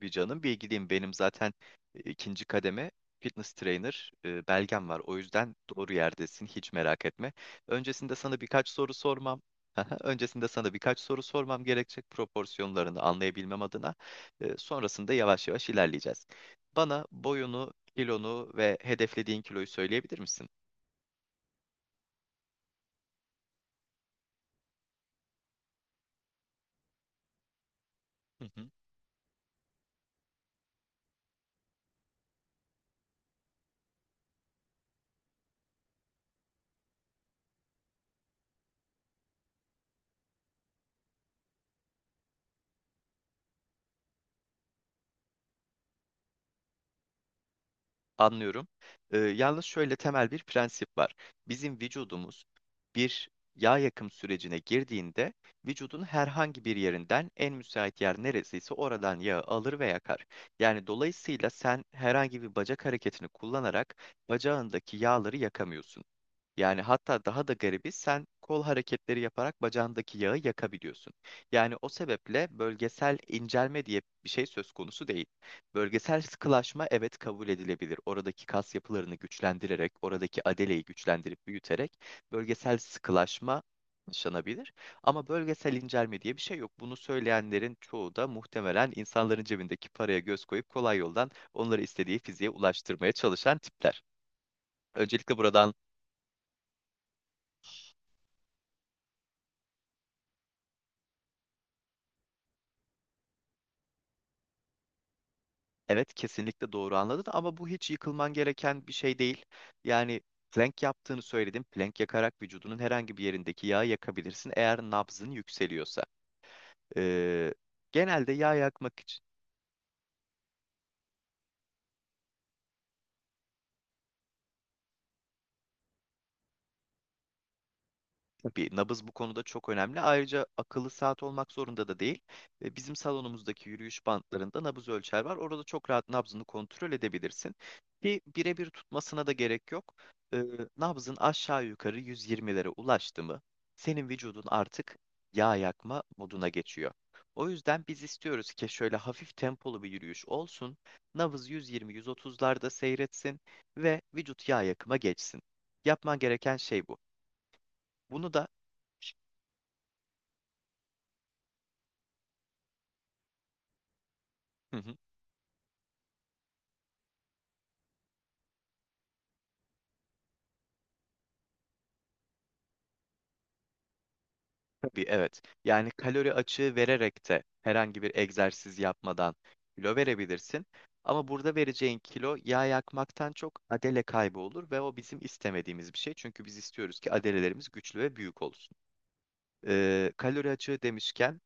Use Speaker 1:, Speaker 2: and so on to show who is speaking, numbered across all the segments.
Speaker 1: Bir canım. Bilgiliyim. Benim zaten ikinci kademe fitness trainer belgem var. O yüzden doğru yerdesin. Hiç merak etme. Öncesinde sana birkaç soru sormam. Öncesinde sana birkaç soru sormam gerekecek proporsiyonlarını anlayabilmem adına. Sonrasında yavaş yavaş ilerleyeceğiz. Bana boyunu, kilonu ve hedeflediğin kiloyu söyleyebilir misin? Anlıyorum. Yalnız şöyle temel bir prensip var. Bizim vücudumuz bir yağ yakım sürecine girdiğinde vücudun herhangi bir yerinden en müsait yer neresiyse oradan yağı alır ve yakar. Yani dolayısıyla sen herhangi bir bacak hareketini kullanarak bacağındaki yağları yakamıyorsun. Yani hatta daha da garibi sen kol hareketleri yaparak bacağındaki yağı yakabiliyorsun. Yani o sebeple bölgesel incelme diye bir şey söz konusu değil. Bölgesel sıkılaşma evet kabul edilebilir. Oradaki kas yapılarını güçlendirerek, oradaki adeleyi güçlendirip büyüterek bölgesel sıkılaşma yaşanabilir. Ama bölgesel incelme diye bir şey yok. Bunu söyleyenlerin çoğu da muhtemelen insanların cebindeki paraya göz koyup kolay yoldan onları istediği fiziğe ulaştırmaya çalışan tipler. Öncelikle burada evet, kesinlikle doğru anladın ama bu hiç yıkılman gereken bir şey değil. Yani plank yaptığını söyledim. Plank yakarak vücudunun herhangi bir yerindeki yağı yakabilirsin eğer nabzın yükseliyorsa. Ee, Genelde yağ yakmak tabii nabız bu konuda çok önemli. Ayrıca akıllı saat olmak zorunda da değil. Bizim salonumuzdaki yürüyüş bantlarında nabız ölçer var. Orada çok rahat nabzını kontrol edebilirsin. Ki birebir tutmasına da gerek yok. E, Nabzın aşağı yukarı 120'lere ulaştı mı senin vücudun artık yağ yakma moduna geçiyor. O yüzden biz istiyoruz ki şöyle hafif tempolu bir yürüyüş olsun. Nabız 120-130'larda seyretsin ve vücut yağ yakıma geçsin. Yapman gereken şey bu. Bunu da hı hı, tabii evet. Yani kalori açığı vererek de herhangi bir egzersiz yapmadan kilo verebilirsin. Ama burada vereceğin kilo yağ yakmaktan çok adele kaybı olur ve o bizim istemediğimiz bir şey. Çünkü biz istiyoruz ki adelelerimiz güçlü ve büyük olsun. Kalori açığı demişken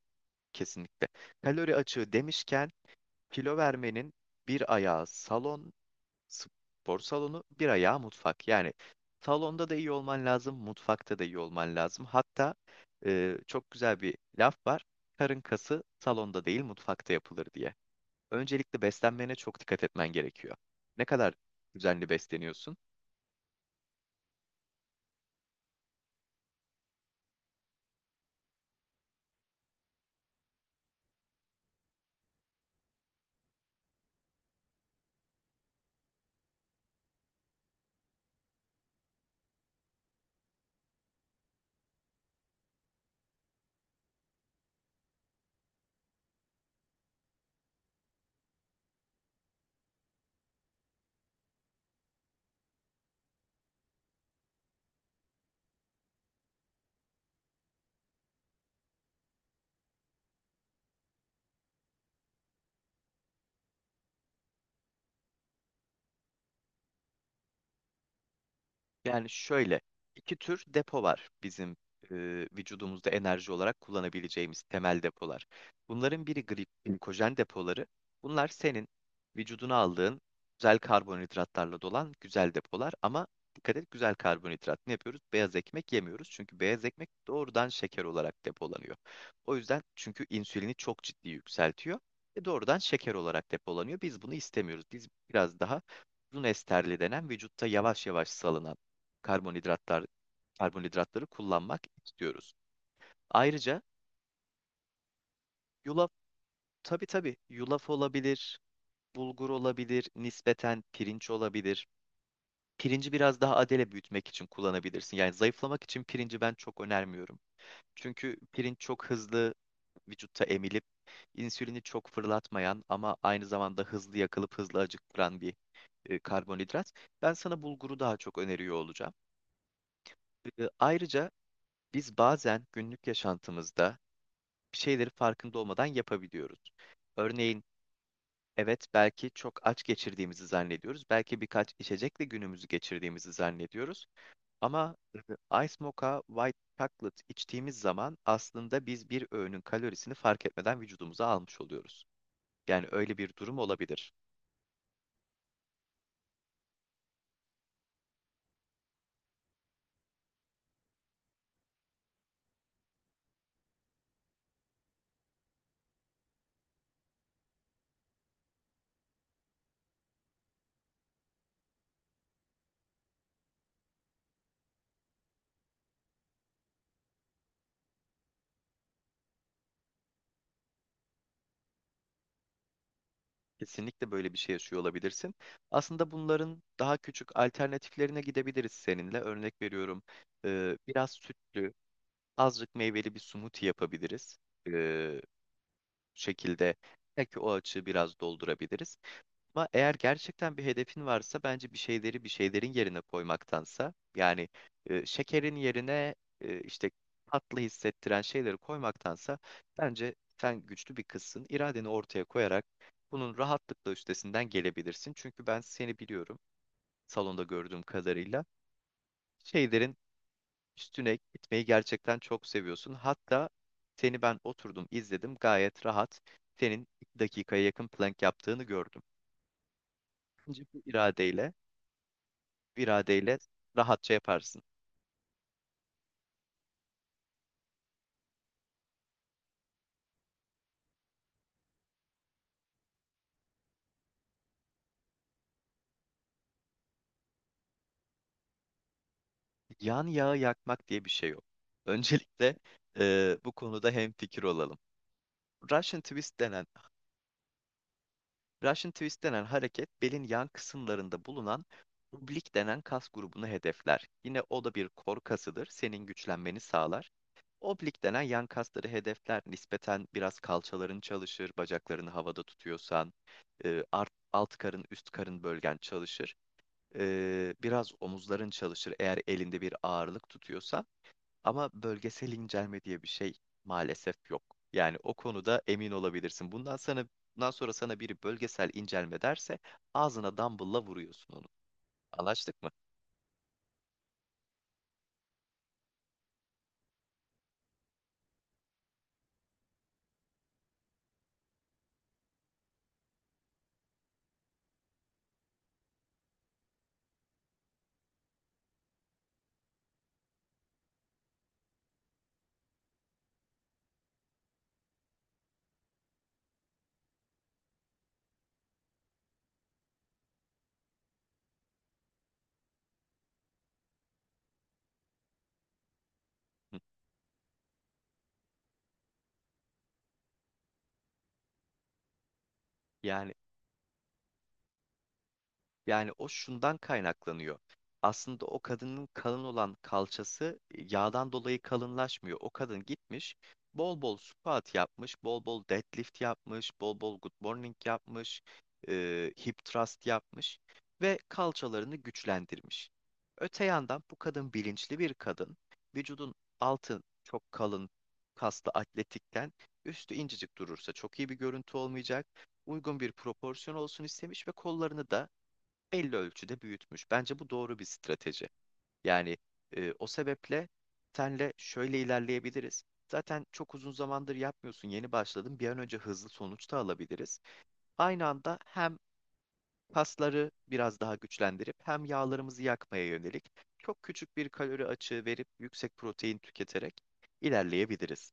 Speaker 1: kesinlikle. Kalori açığı demişken kilo vermenin bir ayağı salon, spor salonu, bir ayağı mutfak. Yani salonda da iyi olman lazım, mutfakta da iyi olman lazım. Hatta çok güzel bir laf var. Karın kası salonda değil, mutfakta yapılır diye. Öncelikle beslenmene çok dikkat etmen gerekiyor. Ne kadar düzenli besleniyorsun? Yani şöyle, iki tür depo var bizim e, vücudumuzda enerji olarak kullanabileceğimiz temel depolar. Bunların biri glikojen depoları. Bunlar senin vücuduna aldığın güzel karbonhidratlarla dolan güzel depolar. Ama dikkat et güzel karbonhidrat. Ne yapıyoruz? Beyaz ekmek yemiyoruz. Çünkü beyaz ekmek doğrudan şeker olarak depolanıyor. O yüzden çünkü insülini çok ciddi yükseltiyor ve doğrudan şeker olarak depolanıyor. Biz bunu istemiyoruz. Biz biraz daha uzun esterli denen vücutta yavaş yavaş salınan karbonhidratlar karbonhidratları kullanmak istiyoruz. Ayrıca yulaf, tabii, yulaf olabilir, bulgur olabilir, nispeten pirinç olabilir. Pirinci biraz daha adele büyütmek için kullanabilirsin. Yani zayıflamak için pirinci ben çok önermiyorum. Çünkü pirinç çok hızlı vücutta emilip insülini çok fırlatmayan ama aynı zamanda hızlı yakılıp hızlı acıktıran bir karbonhidrat. Ben sana bulguru daha çok öneriyor olacağım. Ayrıca biz bazen günlük yaşantımızda şeyleri farkında olmadan yapabiliyoruz. Örneğin evet, belki çok aç geçirdiğimizi zannediyoruz. Belki birkaç içecekle günümüzü geçirdiğimizi zannediyoruz. Ama Ice Mocha White Chocolate içtiğimiz zaman aslında biz bir öğünün kalorisini fark etmeden vücudumuza almış oluyoruz. Yani öyle bir durum olabilir. Kesinlikle böyle bir şey yaşıyor olabilirsin. Aslında bunların daha küçük alternatiflerine gidebiliriz seninle. Örnek veriyorum, biraz sütlü, azıcık meyveli bir smoothie yapabiliriz. E, Şekilde belki o açığı biraz doldurabiliriz. Ama eğer gerçekten bir hedefin varsa bence bir şeyleri bir şeylerin yerine koymaktansa yani şekerin yerine işte tatlı hissettiren şeyleri koymaktansa bence sen güçlü bir kızsın. İradeni ortaya koyarak bunun rahatlıkla üstesinden gelebilirsin. Çünkü ben seni biliyorum salonda gördüğüm kadarıyla. Şeylerin üstüne gitmeyi gerçekten çok seviyorsun. Hatta seni ben oturdum izledim, gayet rahat senin 2 dakikaya yakın plank yaptığını gördüm. Bence bu iradeyle, bu iradeyle rahatça yaparsın. Yan yağı yakmak diye bir şey yok. Öncelikle bu konuda hemfikir olalım. Russian twist denen Russian twist denen hareket belin yan kısımlarında bulunan oblik denen kas grubunu hedefler. Yine o da bir kor kasıdır. Senin güçlenmeni sağlar. Oblik denen yan kasları hedefler, nispeten biraz kalçaların çalışır, bacaklarını havada tutuyorsan, alt karın, üst karın bölgen çalışır. Biraz omuzların çalışır eğer elinde bir ağırlık tutuyorsan. Ama bölgesel incelme diye bir şey maalesef yok. Yani o konuda emin olabilirsin. Bundan sonra sana biri bölgesel incelme derse ağzına dumbbell'la vuruyorsun onu. Anlaştık mı? Hı. Yani yani o şundan kaynaklanıyor. Aslında o kadının kalın olan kalçası yağdan dolayı kalınlaşmıyor. O kadın gitmiş, bol bol squat yapmış, bol bol deadlift yapmış, bol bol good morning yapmış, hip thrust yapmış ve kalçalarını güçlendirmiş. Öte yandan bu kadın bilinçli bir kadın. Vücudun altı çok kalın, kaslı atletikken üstü incecik durursa çok iyi bir görüntü olmayacak. Uygun bir proporsiyon olsun istemiş ve kollarını da belli ölçüde büyütmüş. Bence bu doğru bir strateji. Yani o sebeple senle şöyle ilerleyebiliriz. Zaten çok uzun zamandır yapmıyorsun, yeni başladın. Bir an önce hızlı sonuç da alabiliriz. Aynı anda hem kasları biraz daha güçlendirip hem yağlarımızı yakmaya yönelik çok küçük bir kalori açığı verip yüksek protein tüketerek ilerleyebiliriz.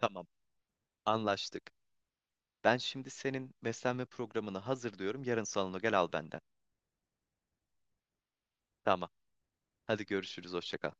Speaker 1: Tamam, anlaştık. Ben şimdi senin beslenme programını hazırlıyorum. Yarın salona gel al benden. Tamam. Hadi görüşürüz. Hoşça kal.